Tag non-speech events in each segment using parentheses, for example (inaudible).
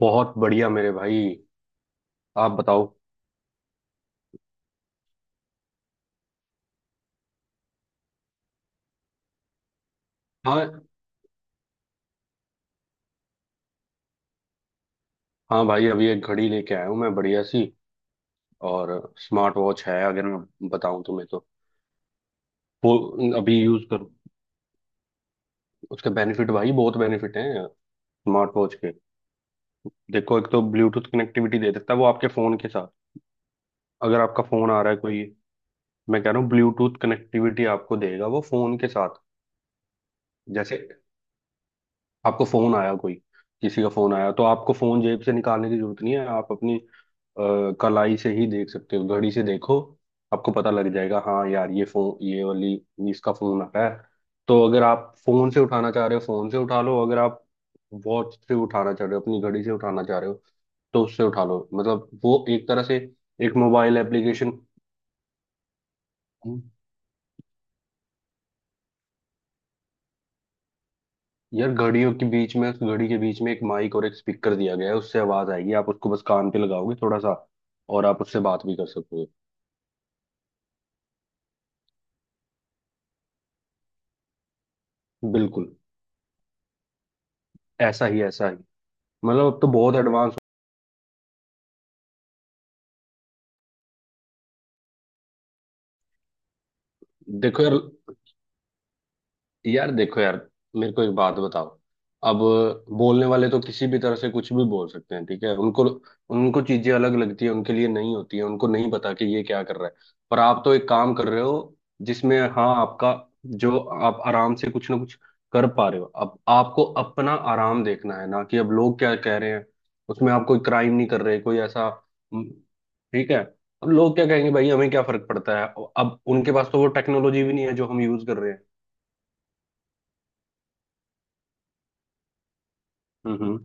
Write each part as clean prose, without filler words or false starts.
बहुत बढ़िया मेरे भाई। आप बताओ। हाँ, हाँ भाई, अभी एक घड़ी लेके आया हूँ मैं बढ़िया सी। और स्मार्ट वॉच है, अगर मैं बताऊँ तुम्हें तो। वो अभी यूज करो, उसके बेनिफिट भाई, बहुत बेनिफिट हैं स्मार्ट वॉच के। देखो, एक तो ब्लूटूथ कनेक्टिविटी दे देता है वो आपके फोन के साथ। अगर आपका फोन आ रहा है कोई। मैं कह रहा हूँ ब्लूटूथ कनेक्टिविटी आपको देगा वो फोन के साथ। जैसे आपको फोन आया कोई, किसी का फोन आया तो आपको फोन जेब से निकालने की जरूरत नहीं है, आप अपनी अ, कलाई से ही देख सकते हो, घड़ी से देखो, आपको पता लग जाएगा हाँ यार ये फोन ये वाली, इसका फोन आ रहा है। तो अगर आप फोन से उठाना चाह रहे हो फोन से उठा लो, अगर आप वॉच से उठाना चाह रहे हो अपनी घड़ी से उठाना चाह रहे हो तो उससे उठा लो। मतलब वो एक तरह से एक मोबाइल एप्लीकेशन। यार घड़ियों के बीच में, घड़ी के बीच में एक माइक और एक स्पीकर दिया गया है, उससे आवाज आएगी, आप उसको बस कान पे लगाओगे थोड़ा सा, और आप उससे बात भी कर सकोगे। बिल्कुल। ऐसा ही, ऐसा ही। मतलब अब तो बहुत एडवांस। देखो यार, यार देखो यार, मेरे को एक बात बताओ। अब बोलने वाले तो किसी भी तरह से कुछ भी बोल सकते हैं, ठीक है। उनको, उनको चीजें अलग लगती है, उनके लिए नहीं होती है, उनको नहीं पता कि ये क्या कर रहा है। पर आप तो एक काम कर रहे हो जिसमें हाँ, आपका, जो आप आराम से कुछ ना कुछ कर पा रहे हो। अब आपको अपना आराम देखना है, ना कि अब लोग क्या कह रहे हैं। उसमें आप कोई क्राइम नहीं कर रहे कोई ऐसा। ठीक है। अब लोग क्या कहेंगे भाई, हमें क्या फर्क पड़ता है। अब उनके पास तो वो टेक्नोलॉजी भी नहीं है जो हम यूज कर रहे हैं। हम्म।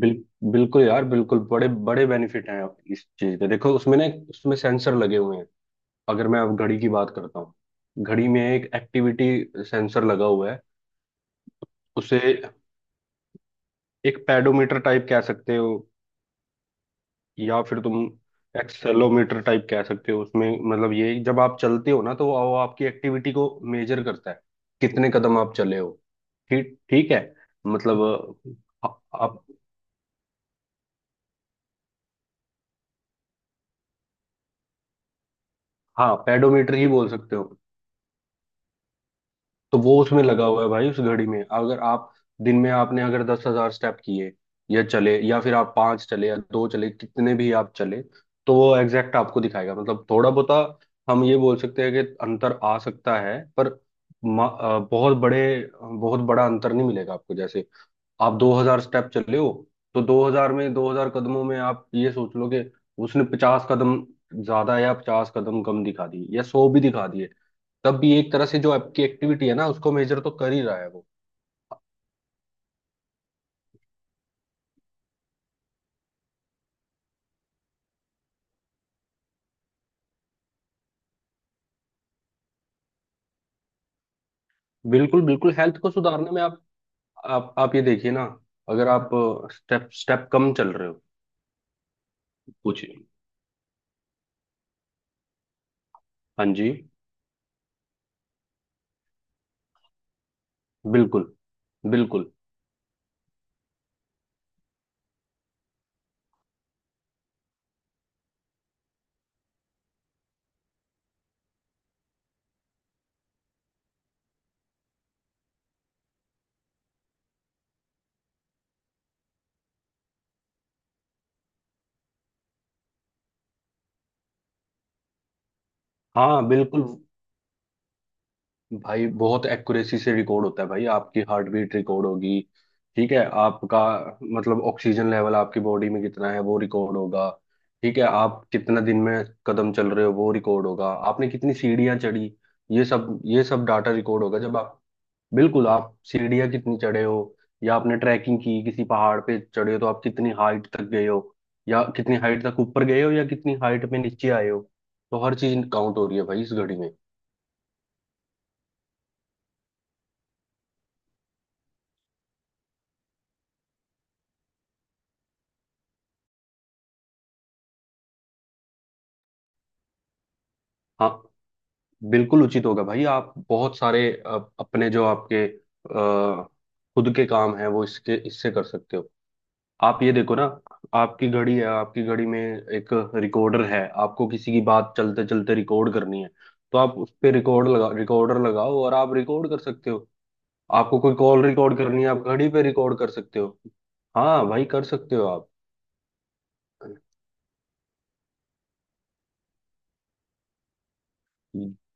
बिल बिल्कुल यार, बिल्कुल बड़े बड़े बेनिफिट हैं इस चीज के। देखो उसमें ना उसमें सेंसर लगे हुए हैं। अगर मैं अब घड़ी की बात करता हूँ, घड़ी में एक एक्टिविटी सेंसर लगा हुआ है। उसे एक पेडोमीटर टाइप कह सकते हो, या फिर तुम एक्सेलोमीटर टाइप कह सकते हो उसमें। मतलब ये जब आप चलते हो ना, तो वो आपकी एक्टिविटी को मेजर करता है, कितने कदम आप चले हो। ठीक, ठीक है। मतलब अ, आप हाँ, पेडोमीटर ही बोल सकते हो। तो वो उसमें लगा हुआ है भाई, उस घड़ी में। अगर आप दिन में आपने अगर 10,000 स्टेप किए, या चले, या फिर आप 5 चले या 2 चले, कितने भी आप चले, तो वो एग्जैक्ट आपको दिखाएगा। मतलब थोड़ा बहुत हम ये बोल सकते हैं कि अंतर आ सकता है, पर बहुत बड़े, बहुत बड़ा अंतर नहीं मिलेगा आपको। जैसे आप 2,000 स्टेप चले हो, तो 2,000 में, 2,000 कदमों में आप ये सोच लो कि उसने 50 कदम ज्यादा या 50 कदम कम दिखा दिए, या 100 भी दिखा, तब भी एक तरह से जो आपकी एक्टिविटी है ना, उसको मेजर तो कर ही रहा है वो। बिल्कुल बिल्कुल, हेल्थ को सुधारने में आप, आप ये देखिए ना, अगर आप स्टेप स्टेप कम चल रहे हो कुछ। हाँ जी, बिल्कुल बिल्कुल। हाँ बिल्कुल भाई, बहुत एक्यूरेसी से रिकॉर्ड होता है भाई, आपकी हार्ट बीट रिकॉर्ड होगी, ठीक है। आपका मतलब ऑक्सीजन लेवल आपकी बॉडी में कितना है वो रिकॉर्ड होगा, ठीक है। आप कितना दिन में कदम चल रहे हो वो रिकॉर्ड होगा, आपने कितनी सीढ़ियां चढ़ी, ये सब, ये सब डाटा रिकॉर्ड होगा जब आप। बिल्कुल, आप सीढ़ियां कितनी चढ़े हो, या आपने ट्रैकिंग की किसी पहाड़ पे चढ़े हो तो आप कितनी हाइट तक गए हो, या कितनी हाइट तक ऊपर गए हो, या कितनी हाइट पे नीचे आए हो, तो हर चीज काउंट हो रही है भाई इस घड़ी में। हाँ बिल्कुल उचित होगा भाई। आप बहुत सारे अपने जो आपके खुद के काम हैं वो इसके, इससे कर सकते हो। आप ये देखो ना, आपकी घड़ी है, आपकी घड़ी में एक रिकॉर्डर है। आपको किसी की बात चलते चलते रिकॉर्ड करनी है, तो आप उस पे रिकॉर्ड लगा, रिकॉर्डर लगाओ और आप रिकॉर्ड कर सकते हो। आपको कोई कॉल रिकॉर्ड करनी है, आप घड़ी पे रिकॉर्ड कर सकते हो। हाँ भाई कर सकते हो आप।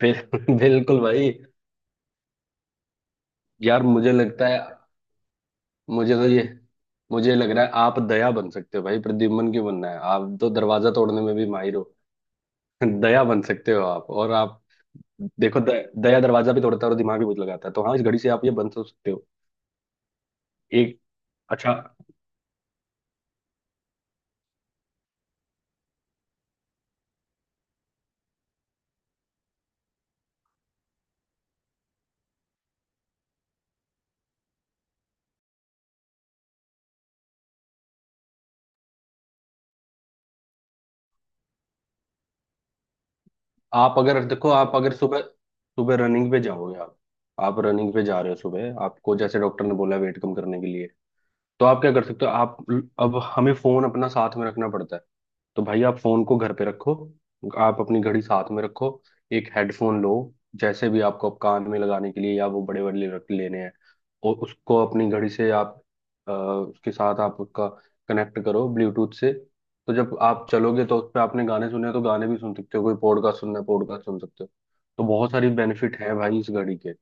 (laughs) बिल्कुल भाई। यार मुझे लगता है, मुझे तो ये, मुझे लग रहा है आप दया बन सकते हो भाई, प्रद्युम्न क्यों बनना है, आप तो दरवाजा तोड़ने में भी माहिर हो। (laughs) दया बन सकते हो आप। और आप देखो, दया दरवाजा भी तोड़ता है और दिमाग भी बहुत लगाता है, तो हाँ इस घड़ी से आप ये बन तो सकते हो। एक, अच्छा। आप अगर देखो, आप अगर सुबह सुबह रनिंग पे जाओगे, आप रनिंग पे जा रहे हो सुबह, आपको जैसे डॉक्टर ने बोला वेट कम करने के लिए, तो आप क्या कर सकते हो आप। अब हमें फोन अपना साथ में रखना पड़ता है, तो भाई आप फोन को घर पे रखो, आप अपनी घड़ी साथ में रखो, एक हेडफोन लो, जैसे भी आपको, आप कान में लगाने के लिए या वो बड़े बड़े रख लेने हैं, और उसको अपनी घड़ी से आप उसके साथ आप उसका कनेक्ट करो ब्लूटूथ से। तो जब आप चलोगे तो उस पर आपने गाने सुने हैं, तो गाने भी सुन सकते हो, कोई पॉडकास्ट सुनना है पॉडकास्ट सुन सकते हो। तो बहुत सारी बेनिफिट है भाई इस घड़ी के।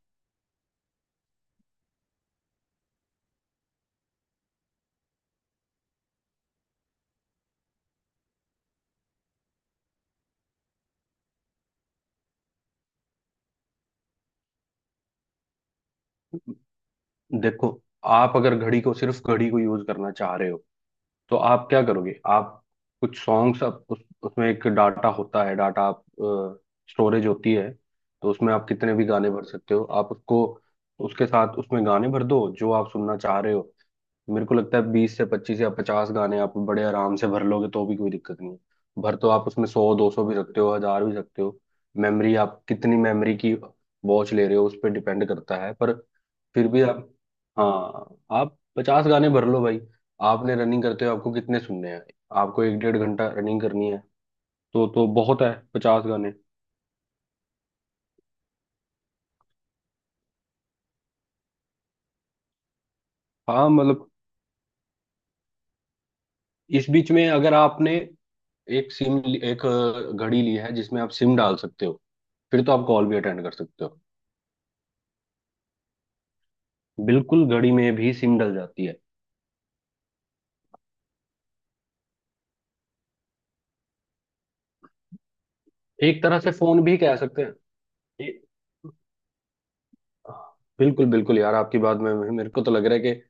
देखो, आप अगर घड़ी को, सिर्फ घड़ी को यूज करना चाह रहे हो, तो आप क्या करोगे आप, कुछ सॉन्ग्स आप उसमें एक डाटा होता है, डाटा आप स्टोरेज होती है, तो उसमें आप कितने भी गाने भर सकते हो आप उसको। उसके साथ उसमें गाने भर दो जो आप सुनना चाह रहे हो। मेरे को लगता है 20 से 25 या पचास गाने आप बड़े आराम से भर लोगे, तो भी कोई दिक्कत नहीं है, भर तो आप उसमें 100, 200 भी सकते हो, 1,000 भी सकते हो। मेमोरी आप कितनी मेमोरी की वॉच ले रहे हो उस पर डिपेंड करता है। पर फिर भी आप, हाँ, आप 50 गाने भर लो भाई। आपने रनिंग करते हो आपको कितने सुनने हैं, आपको एक डेढ़ घंटा रनिंग करनी है, तो बहुत है 50 गाने। हाँ मतलब, इस बीच में अगर आपने एक सिम, एक घड़ी ली है जिसमें आप सिम डाल सकते हो, फिर तो आप कॉल भी अटेंड कर सकते हो। बिल्कुल घड़ी में भी सिम डल जाती है। एक तरह से फोन भी कह सकते हैं। ए- बिल्कुल बिल्कुल यार, आपकी बात में मेरे को तो लग रहा है कि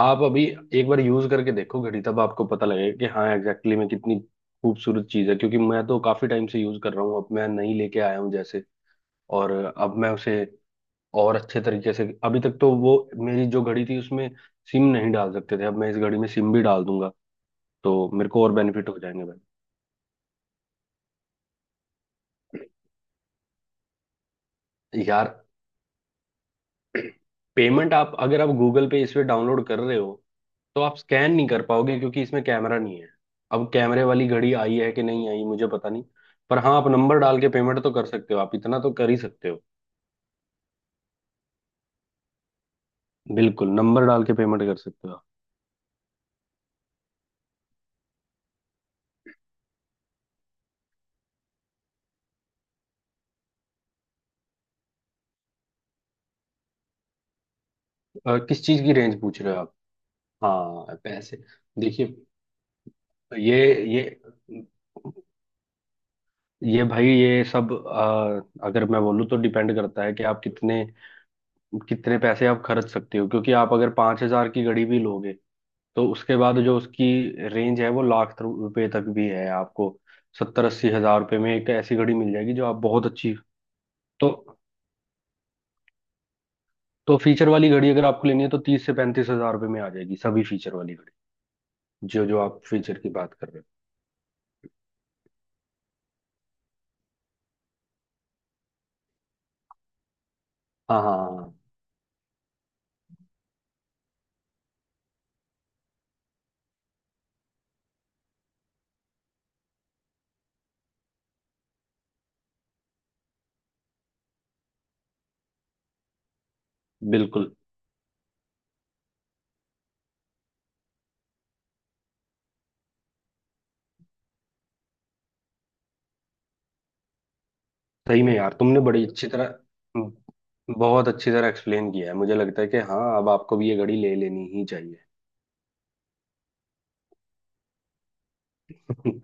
आप अभी एक बार यूज करके देखो घड़ी, तब आपको पता लगेगा कि हाँ एग्जैक्टली में कितनी खूबसूरत चीज है, क्योंकि मैं तो काफी टाइम से यूज कर रहा हूँ, अब मैं नई लेके आया हूँ जैसे, और अब मैं उसे और अच्छे तरीके से। अभी तक तो वो मेरी जो घड़ी थी उसमें सिम नहीं डाल सकते थे, अब मैं इस घड़ी में सिम भी डाल दूंगा, तो मेरे को और बेनिफिट हो जाएंगे। भाई, यार पेमेंट, आप अगर आप गूगल पे इस पे डाउनलोड कर रहे हो, तो आप स्कैन नहीं कर पाओगे क्योंकि इसमें कैमरा नहीं है। अब कैमरे वाली घड़ी आई है कि नहीं आई मुझे पता नहीं। पर हाँ, आप नंबर डाल के पेमेंट तो कर सकते हो, आप इतना तो कर ही सकते हो। बिल्कुल, नंबर डाल के पेमेंट कर सकते हो आप। किस चीज़ की रेंज पूछ रहे हो आप। हाँ पैसे। देखिए, ये ये ये भाई, ये सब अगर मैं बोलूँ तो डिपेंड करता है कि आप कितने, कितने पैसे आप खर्च सकते हो। क्योंकि आप अगर 5,000 की घड़ी भी लोगे, तो उसके बाद जो उसकी रेंज है वो लाख रुपए तक भी है। आपको 70 80,000 रुपए में एक ऐसी घड़ी मिल जाएगी जो आप बहुत अच्छी। तो तो फीचर वाली घड़ी अगर आपको लेनी है तो 30 से 35,000 रुपए में आ जाएगी सभी फीचर वाली घड़ी, जो जो आप फीचर की बात कर रहे हो। हाँ हाँ हाँ हाँ, बिल्कुल। सही में यार, तुमने बड़ी अच्छी तरह, बहुत अच्छी तरह एक्सप्लेन किया है, मुझे लगता है कि हाँ अब आपको भी ये घड़ी ले लेनी ही चाहिए। (laughs)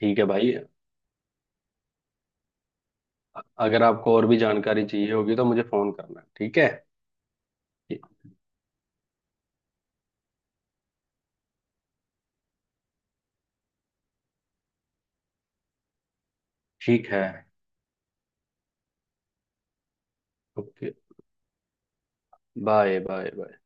ठीक है भाई। अगर आपको और भी जानकारी चाहिए होगी तो मुझे फोन करना, ठीक है। ठीक है। Okay, bye bye bye.